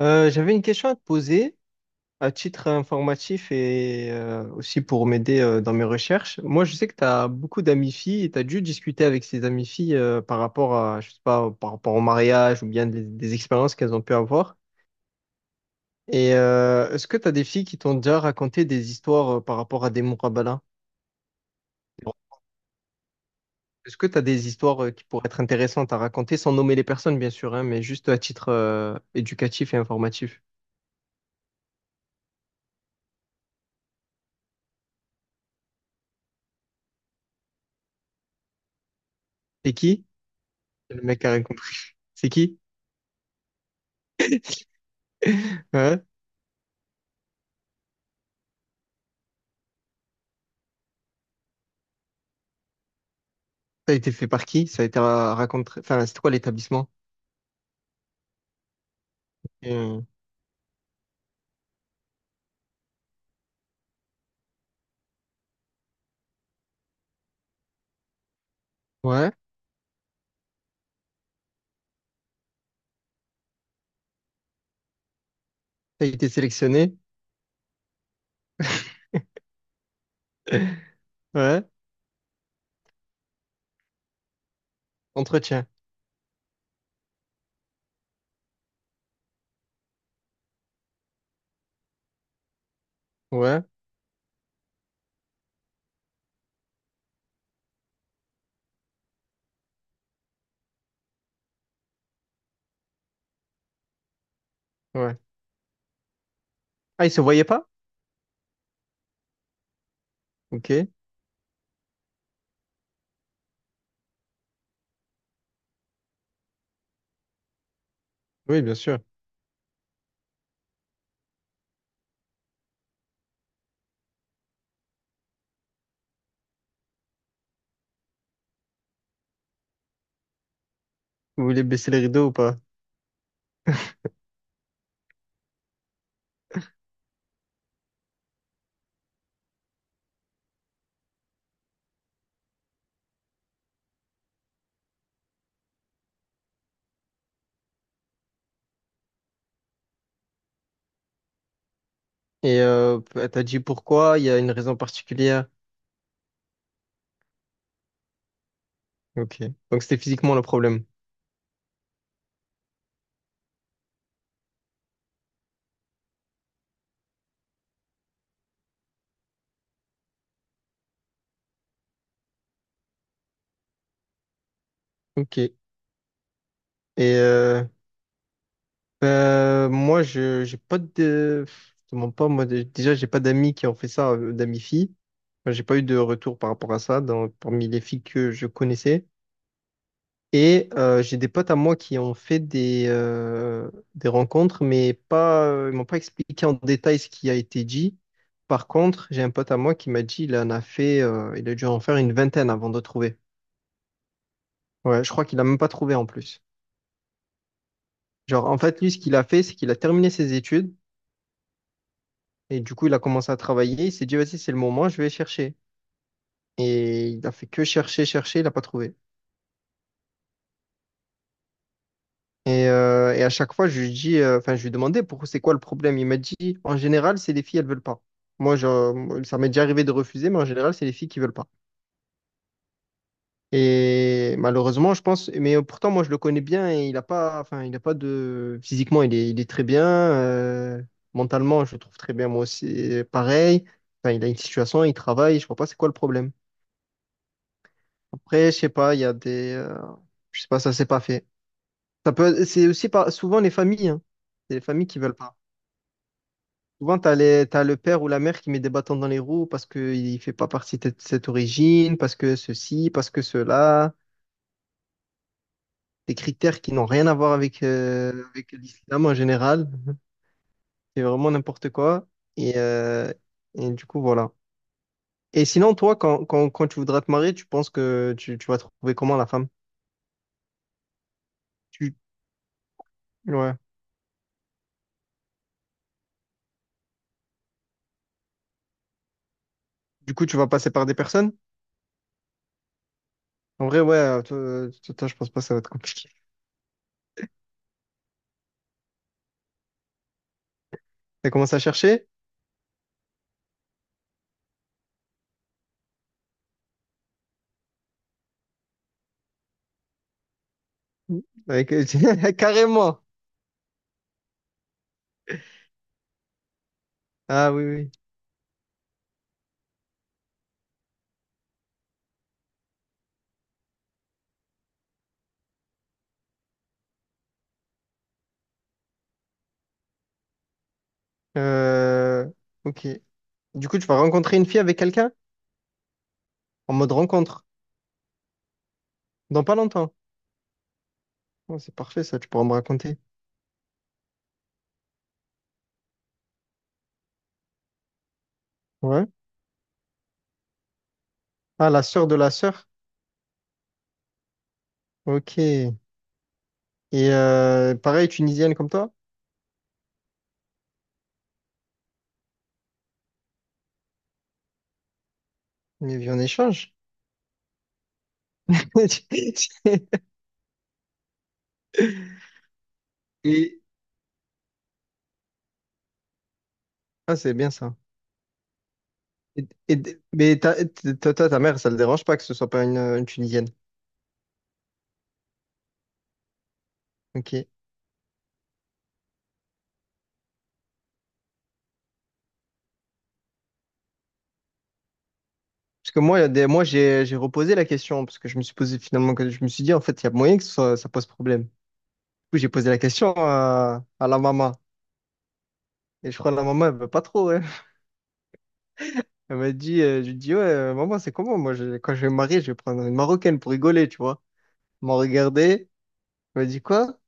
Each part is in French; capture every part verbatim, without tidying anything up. Euh, j'avais une question à te poser à titre informatif et euh, aussi pour m'aider euh, dans mes recherches. Moi, je sais que tu as beaucoup d'amis filles et tu as dû discuter avec ces amies filles euh, par rapport à, je sais pas, par rapport au mariage ou bien des, des expériences qu'elles ont pu avoir. Et euh, est-ce que tu as des filles qui t'ont déjà raconté des histoires euh, par rapport à des Mourabala? Est-ce que tu as des histoires euh, qui pourraient être intéressantes à raconter sans nommer les personnes, bien sûr, hein, mais juste à titre euh, éducatif et informatif? C'est qui? Le mec a raconté. C'est qui? Ça a été fait par qui? Ça a été ra- Raconté. Enfin, c'était quoi l'établissement? Euh, Ouais. Ça a été sélectionné. Ouais. Entretien. Ouais. Ouais. Ah, ils se voyaient pas? Ok. Oui, bien sûr. Vous voulez baisser les rideaux ou pas? Et euh, t'as dit pourquoi? Il y a une raison particulière. Ok. Donc c'était physiquement le problème. Ok. Et euh, ben, moi, je j'ai pas de. Je te mens pas. Moi, dé- déjà, j'ai pas d'amis qui ont fait ça, euh, d'amis filles. Enfin, j'ai pas eu de retour par rapport à ça dans, parmi les filles que je connaissais. Et euh, j'ai des potes à moi qui ont fait des, euh, des rencontres, mais pas, euh, ils m'ont pas expliqué en détail ce qui a été dit. Par contre, j'ai un pote à moi qui m'a dit il en a fait, euh, il a dû en faire une vingtaine avant de trouver. Ouais, je crois qu'il a même pas trouvé en plus. Genre, en fait, lui, ce qu'il a fait, c'est qu'il a terminé ses études et du coup, il a commencé à travailler. Il s'est dit, vas-y, c'est le moment, je vais chercher. Et il a fait que chercher, chercher, il n'a pas trouvé. Et, euh, et à chaque fois, je lui dis, euh, enfin, je lui demandais pourquoi c'est quoi le problème. Il m'a dit, en général, c'est les filles, elles veulent pas. Moi, je, ça m'est déjà arrivé de refuser, mais en général, c'est les filles qui veulent pas. Et malheureusement, je pense, mais pourtant, moi, je le connais bien et il a pas, enfin, il a pas de, physiquement, il est, il est très bien. Euh, mentalement, je le trouve très bien, moi aussi, euh, pareil. Enfin, il a une situation, il travaille, je vois pas c'est quoi le problème. Après, je sais pas, il y a des, euh, je sais pas, ça s'est pas fait. Ça peut, c'est aussi pas, souvent les familles, hein. C'est les familles qui veulent pas. Souvent, t'as les, t'as le père ou la mère qui met des bâtons dans les roues parce qu'il ne fait pas partie de cette origine, parce que ceci, parce que cela. Des critères qui n'ont rien à voir avec, euh, avec l'islam en général. C'est vraiment n'importe quoi. Et, euh, et du coup, voilà. Et sinon, toi, quand, quand, quand tu voudras te marier, tu penses que tu, tu vas trouver comment la femme? Tu, ouais. Du coup, tu vas passer par des personnes? En vrai, ouais, euh, toi, toi, toi, je pense pas que ça va être compliqué. T'as commencé à chercher? Avec... Carrément. Ah oui, oui. Euh, ok. Du coup, tu vas rencontrer une fille avec quelqu'un en mode rencontre dans pas longtemps. Oh, c'est parfait, ça, tu pourras me raconter. Ouais. Ah, la sœur de la sœur. Ok. Et euh, pareil, tunisienne comme toi, mais vie en échange. Et ah, c'est bien ça. Et, et- mais ta, ta, ta, ta mère, ça le dérange pas que ce soit pas une, une tunisienne. Ok. Parce que moi, il y a des, moi, j'ai, j'ai reposé la question parce que je me suis posé finalement, que je me suis dit en fait, il y a moyen que ce ça pose problème. Du coup, j'ai posé la question à, à la maman. Et je crois que la maman, elle veut pas trop, hein. Elle m'a dit, euh, je lui dis, ouais, euh, maman, c'est comment? Moi, je- quand je vais me marier, je vais prendre une Marocaine pour rigoler, tu vois. Elle m'a regardé, elle m'a dit quoi?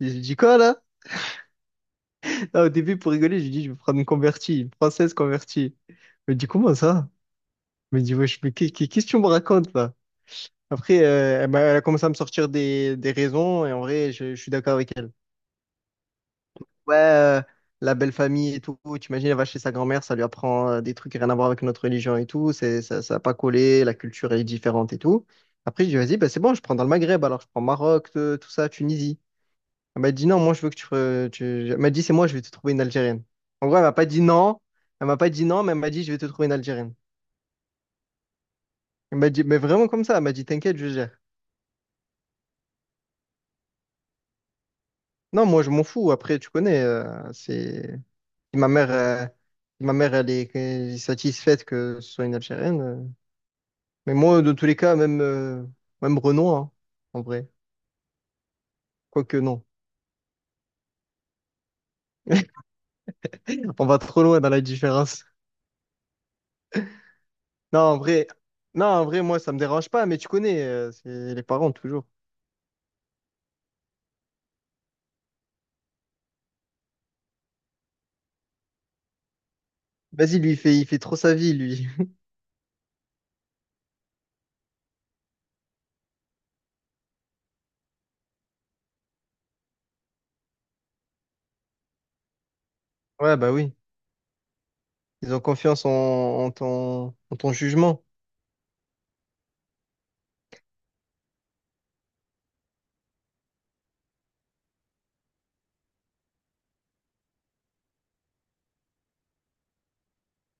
Je lui dis quoi, là? Là, au début, pour rigoler, je lui dis, je vais prendre une convertie, une française convertie. Elle m'a dit, comment ça? Elle m'a dit, wesh, mais qu'est- qu'est- qu'est-ce que tu me racontes, là? Après, euh, elle m'a- elle a commencé à me sortir des, des raisons, et en vrai, je, je suis d'accord avec elle. Ouais, euh, la belle famille et tout. T'imagines, elle va chez sa grand-mère, ça lui apprend euh, des trucs rien à voir avec notre religion et tout. C'est, ça, ça a pas collé, la culture est différente et tout. Après, je dis vas-y, bah, c'est bon, je prends dans le Maghreb, alors je prends Maroc, te- tout ça, Tunisie. Elle m'a dit, non, moi, je veux que tu. re- tu... Elle m'a dit, c'est moi, je vais te trouver une Algérienne. En gros, elle m'a pas dit non. Elle m'a pas dit non, mais elle m'a dit, je vais te trouver une Algérienne. Elle m'a dit, mais vraiment comme ça. Elle m'a dit, t'inquiète, je gère. Non, moi, je m'en fous. Après, tu connais, euh, c'est. Si Ma mère, euh, si ma mère, elle est elle est satisfaite que ce soit une Algérienne. euh, Mais moi, de tous les cas, même, euh, même Renault, hein, en vrai. Quoique non, on va trop loin dans la différence. Non, en vrai, non, en vrai, moi, ça me dérange pas, mais tu connais, euh, c'est les parents, toujours. Vas-y, lui, il fait, il fait trop sa vie, lui. Ouais, bah oui, ils ont confiance en, en ton, en ton jugement.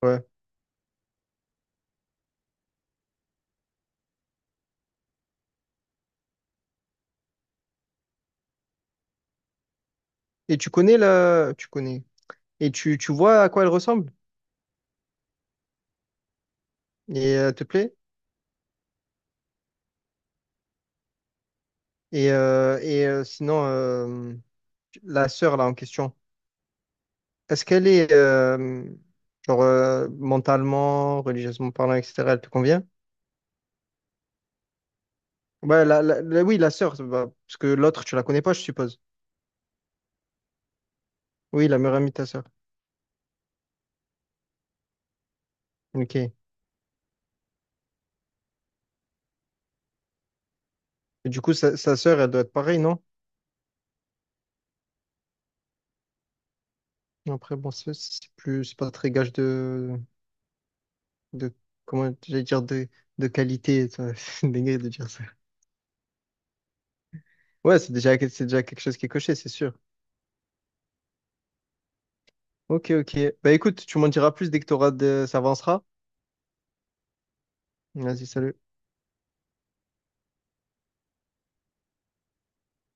Ouais. Et tu connais la... Tu connais. Et tu, tu vois à quoi elle ressemble? Et euh, elle te plaît? Et, euh, et euh, sinon, euh, la sœur, là, en question. Est-ce qu'elle est, euh, genre, euh, mentalement, religieusement parlant, et cetera, elle te convient? Ouais, la, la- la- oui, la sœur, bah, parce que l'autre, tu la connais pas, je suppose. Oui, la meilleure amie de ta sœur. Ok. Et du coup, sa, sa sœur, elle doit être pareille, non? Après, bon, c'est c'est plus, c'est pas très gage de, de, comment j'allais dire, de, de qualité. Ça. C'est dingue de dire ça. Ouais, c'est déjà, c'est déjà quelque chose qui est coché, c'est sûr. Ok, ok. Bah écoute, tu m'en diras plus dès que t'auras de, ça avancera. Vas-y, salut.